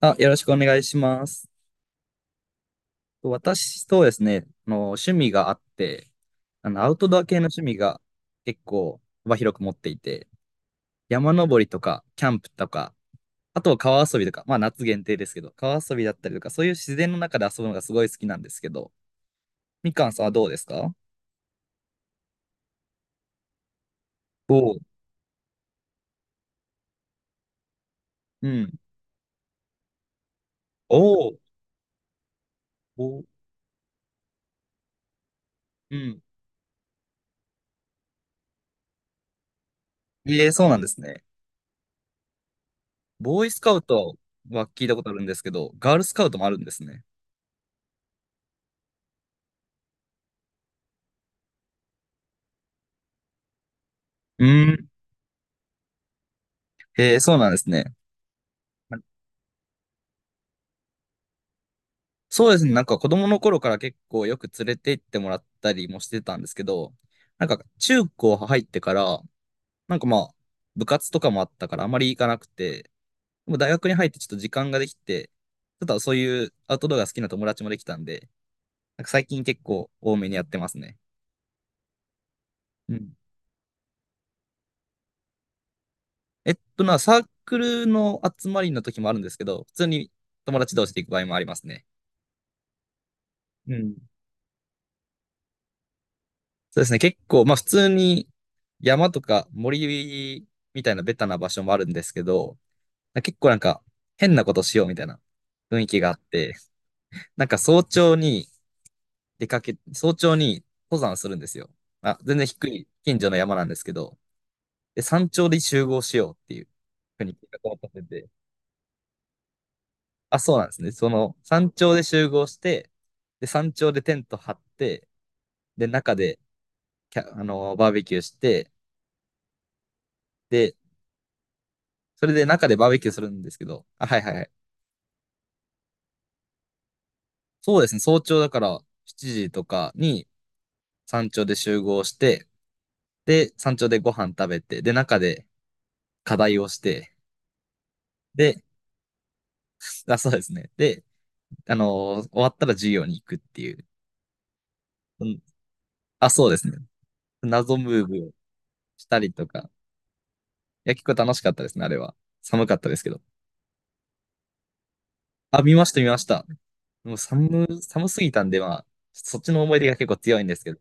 あ、よろしくお願いします。私、そうですね、趣味があって、アウトドア系の趣味が結構幅広く持っていて、山登りとか、キャンプとか、あとは川遊びとか、まあ夏限定ですけど、川遊びだったりとか、そういう自然の中で遊ぶのがすごい好きなんですけど、みかんさんはどうですか？おう。うん。おう。おう。うん。ええ、そうなんですね。ボーイスカウトは聞いたことあるんですけど、ガールスカウトもあるんですね。うん。ええ、そうなんですね。そうですね。なんか子供の頃から結構よく連れて行ってもらったりもしてたんですけど、なんか中高入ってから、なんかまあ部活とかもあったからあまり行かなくて、でも大学に入ってちょっと時間ができて、ちょっとそういうアウトドアが好きな友達もできたんで、なんか最近結構多めにやってますね。うん。えっとな、サークルの集まりの時もあるんですけど、普通に友達同士で行く場合もありますね。うん。そうですね。結構、まあ普通に山とか森みたいなベタな場所もあるんですけど、結構なんか変なことしようみたいな雰囲気があって、なんか早朝に出かけ、早朝に登山するんですよ。まあ、全然低い近所の山なんですけど、で、山頂で集合しようっていうふうに計画を立てて、あ、そうなんですね。その山頂で集合して、で、山頂でテント張って、で、中でキャ、あのーバーベキューして、で、それで中でバーベキューするんですけど、あ、はいはいはい。そうですね、早朝だから7時とかに山頂で集合して、で、山頂でご飯食べて、で、中で課題をして、で、あ、そうですね。で、終わったら授業に行くっていう。うん、あ、そうですね。謎ムーブをしたりとか。いや、結構楽しかったですね、あれは。寒かったですけど。あ、見ました、見ました。もう寒すぎたんで、まあ、そっちの思い出が結構強いんですけど、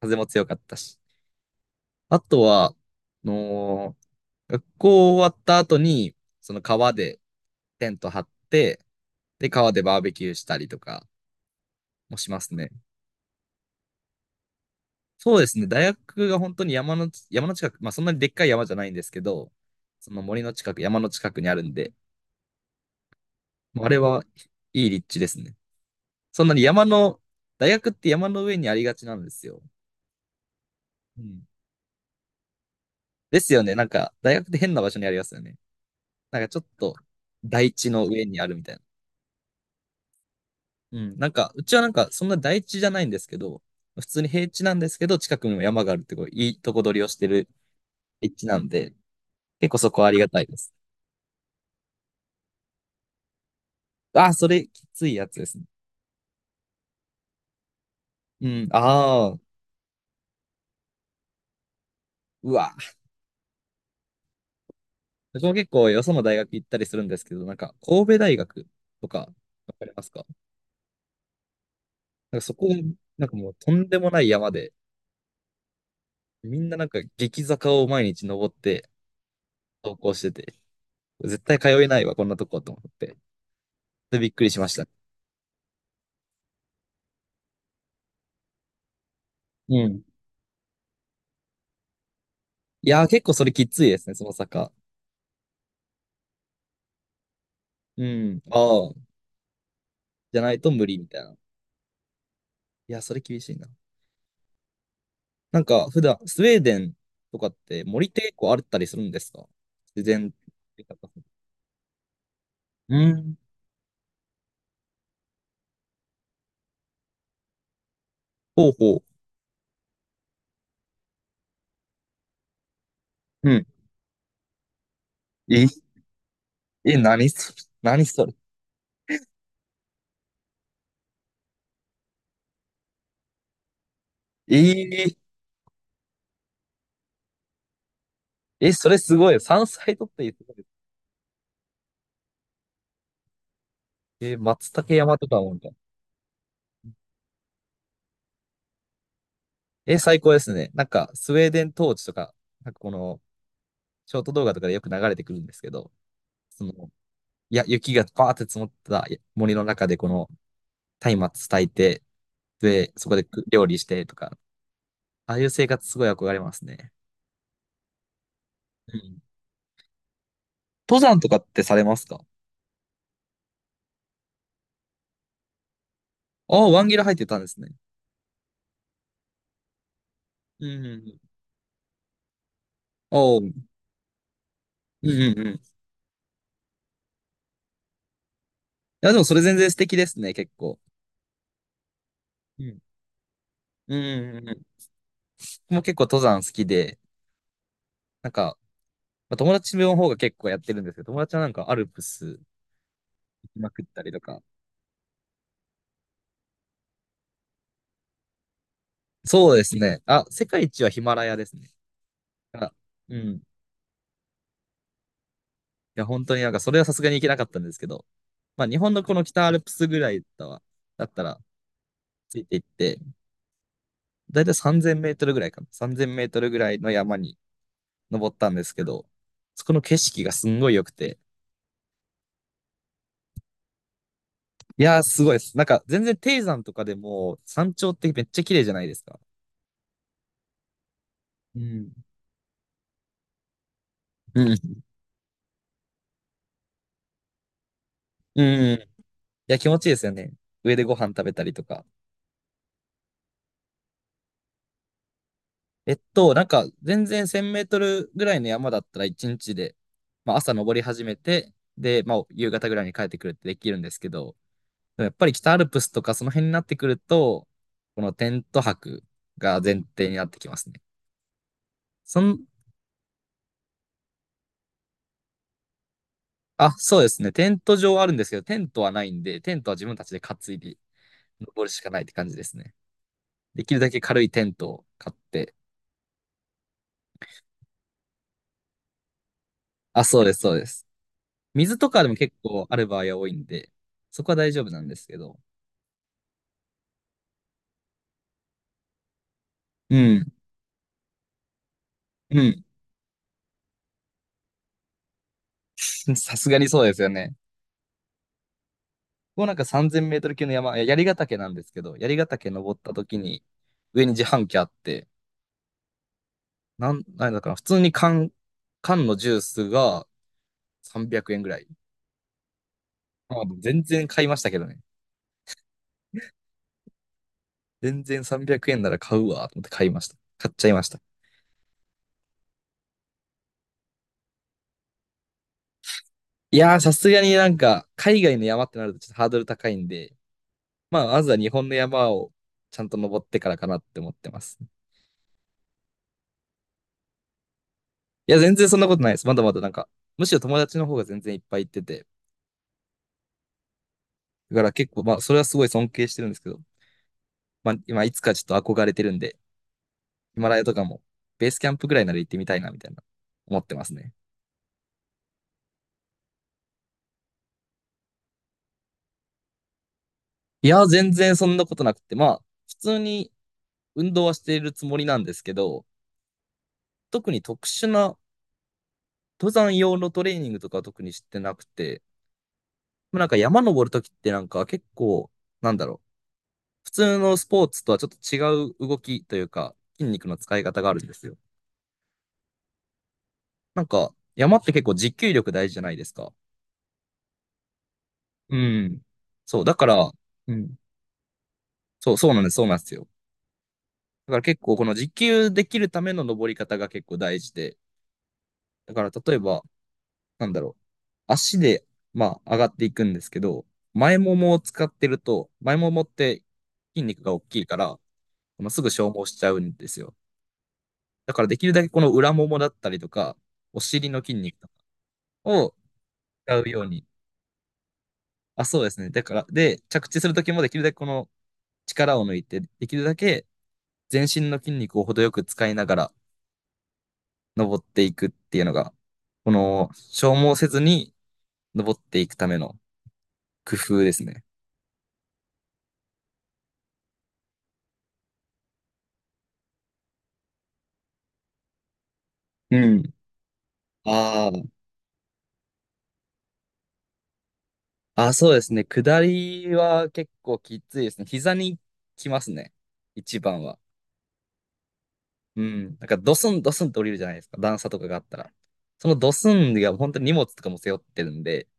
風も強かったし。あとは、のー学校終わった後に、その川でテント張って、で、川でバーベキューしたりとかもしますね。そうですね。大学が本当に山の近く、まあそんなにでっかい山じゃないんですけど、その森の近く、山の近くにあるんで、もうあれはいい立地ですね。そんなに山の、大学って山の上にありがちなんですよ。うん。ですよね。なんか、大学って変な場所にありますよね。なんかちょっと、台地の上にあるみたいな。うん。なんか、うちはなんか、そんな大地じゃないんですけど、普通に平地なんですけど、近くにも山があるってこう、いいとこ取りをしてる立地なんで、結構そこはありがたいです。ああ、それきついやつですね。うん。ああ、うわ。僕も結構よその大学行ったりするんですけど、なんか、神戸大学とか、わかりますか？なんかそこ、なんかもうとんでもない山で、みんななんか激坂を毎日登って登校してて、絶対通えないわ、こんなとこと思って。で、びっくりしました。うん。いやー、結構それきついですね、その坂。うん。ああ、じゃないと無理みたいな。いや、それ厳しいな。なんか、普段、スウェーデンとかって森って結構あったりするんですか？自然豊かさ。うん。ほうほう。うん。え、え、何それ？何それ？えー、え、それすごい。山菜とってすごいです。えー、松茸山とかもみたいな。えー、最高ですね。なんか、スウェーデン統治とか、なんかこの、ショート動画とかでよく流れてくるんですけど、その、いや、雪がバーって積もった森の中でこの松明炊いて、で、そこで料理してとか、ああいう生活すごい憧れますね。うん。登山とかってされますか？ああ、ワンギル入ってたんですね。うんうんうん。おう。うんうんうん。いや、でもそれ全然素敵ですね、結構。うん。うんうんうん。僕も結構登山好きで、なんか、まあ、友達の方が結構やってるんですけど、友達はなんかアルプス行きまくったりとか。そうですね。あ、世界一はヒマラヤですね。だからうん。や、本当になんか、それはさすがに行けなかったんですけど、まあ、日本のこの北アルプスぐらいだわ、だったら、ついていって、だいたい3000メートルぐらいかな。3000メートルぐらいの山に登ったんですけど、そこの景色がすんごい良くて、いやー、すごいです。なんか、全然低山とかでも、山頂ってめっちゃ綺麗じゃないですか。うん。うん。うん。いや、気持ちいいですよね。上でご飯食べたりとか。えっと、なんか、全然1000メートルぐらいの山だったら1日で、まあ、朝登り始めて、で、まあ、夕方ぐらいに帰ってくるってできるんですけど、でもやっぱり北アルプスとかその辺になってくると、このテント泊が前提になってきますね。そん、あ、そうですね。テント場はあるんですけど、テントはないんで、テントは自分たちで担いで登るしかないって感じですね。できるだけ軽いテントを買って、あ、そうです、そうです。水とかでも結構ある場合は多いんで、そこは大丈夫なんですけど、うん。うん。さすがにそうですよね。ここなんか3000メートル級の山、いや槍ヶ岳なんですけど、槍ヶ岳登った時に、上に自販機あって、なんだかな、普通に缶のジュースが300円ぐらい。まあ、全然買いましたけどね。全然300円なら買うわ、と思って買いました。買っちゃいました。いやー、さすがになんか、海外の山ってなるとちょっとハードル高いんで、まあ、まずは日本の山をちゃんと登ってからかなって思ってます。いや、全然そんなことないです。まだまだなんか、むしろ友達の方が全然いっぱい行ってて、だから結構、まあ、それはすごい尊敬してるんですけど、まあ、今、いつかちょっと憧れてるんで、ヒマラヤとかも、ベースキャンプぐらいなら行ってみたいな、みたいな、思ってますね。いや、全然そんなことなくて、まあ、普通に運動はしているつもりなんですけど、特に特殊な登山用のトレーニングとかは特にしてなくて、なんか山登るときってなんか結構、なんだろう、普通のスポーツとはちょっと違う動きというか、筋肉の使い方があるんですよ。なんか、山って結構持久力大事じゃないですか。うん。そう、だから、うん。そう、そうなんです、そうなんですよ。だから結構この持久できるための登り方が結構大事で、だから例えば、なんだろう、足で、まあ、上がっていくんですけど、前ももを使ってると、前ももって筋肉が大きいから、まあ、すぐ消耗しちゃうんですよ。だからできるだけこの裏ももだったりとか、お尻の筋肉とかを使うように。あ、そうですね。だから、で、着地するときもできるだけこの力を抜いて、できるだけ全身の筋肉を程よく使いながら登っていくっていうのが、この消耗せずに登っていくための工夫ですね。うん。あーあ、そうですね。下りは結構きついですね。膝にきますね。一番は。うん。なんかドスンドスンと降りるじゃないですか。段差とかがあったら。そのドスンが本当に荷物とかも背負ってるんで、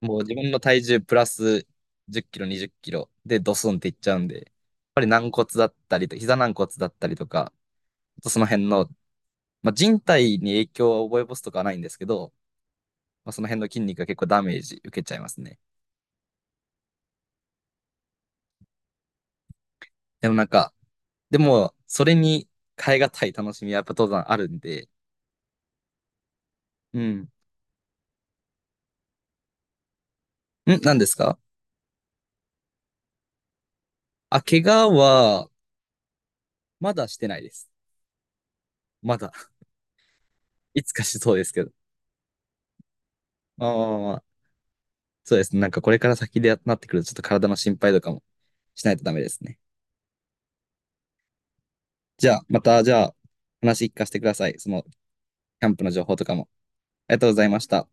もう自分の体重プラス10キロ、20キロでドスンっていっちゃうんで、やっぱり軟骨だったりと、膝軟骨だったりとか、とその辺の、まあ、人体に影響を及ぼすとかはないんですけど、まあ、その辺の筋肉が結構ダメージ受けちゃいますね。でもなんか、でも、それに変えがたい楽しみはやっぱ登山あるんで、うん。ん何ですか？あ、怪我は、まだしてないです。まだ。いつかしそうですけど。まあまあまあそうですね。なんかこれから先でなってくると、ちょっと体の心配とかもしないとダメですね。じゃあ、また、じゃあ、話聞かせてください。その、キャンプの情報とかも。ありがとうございました。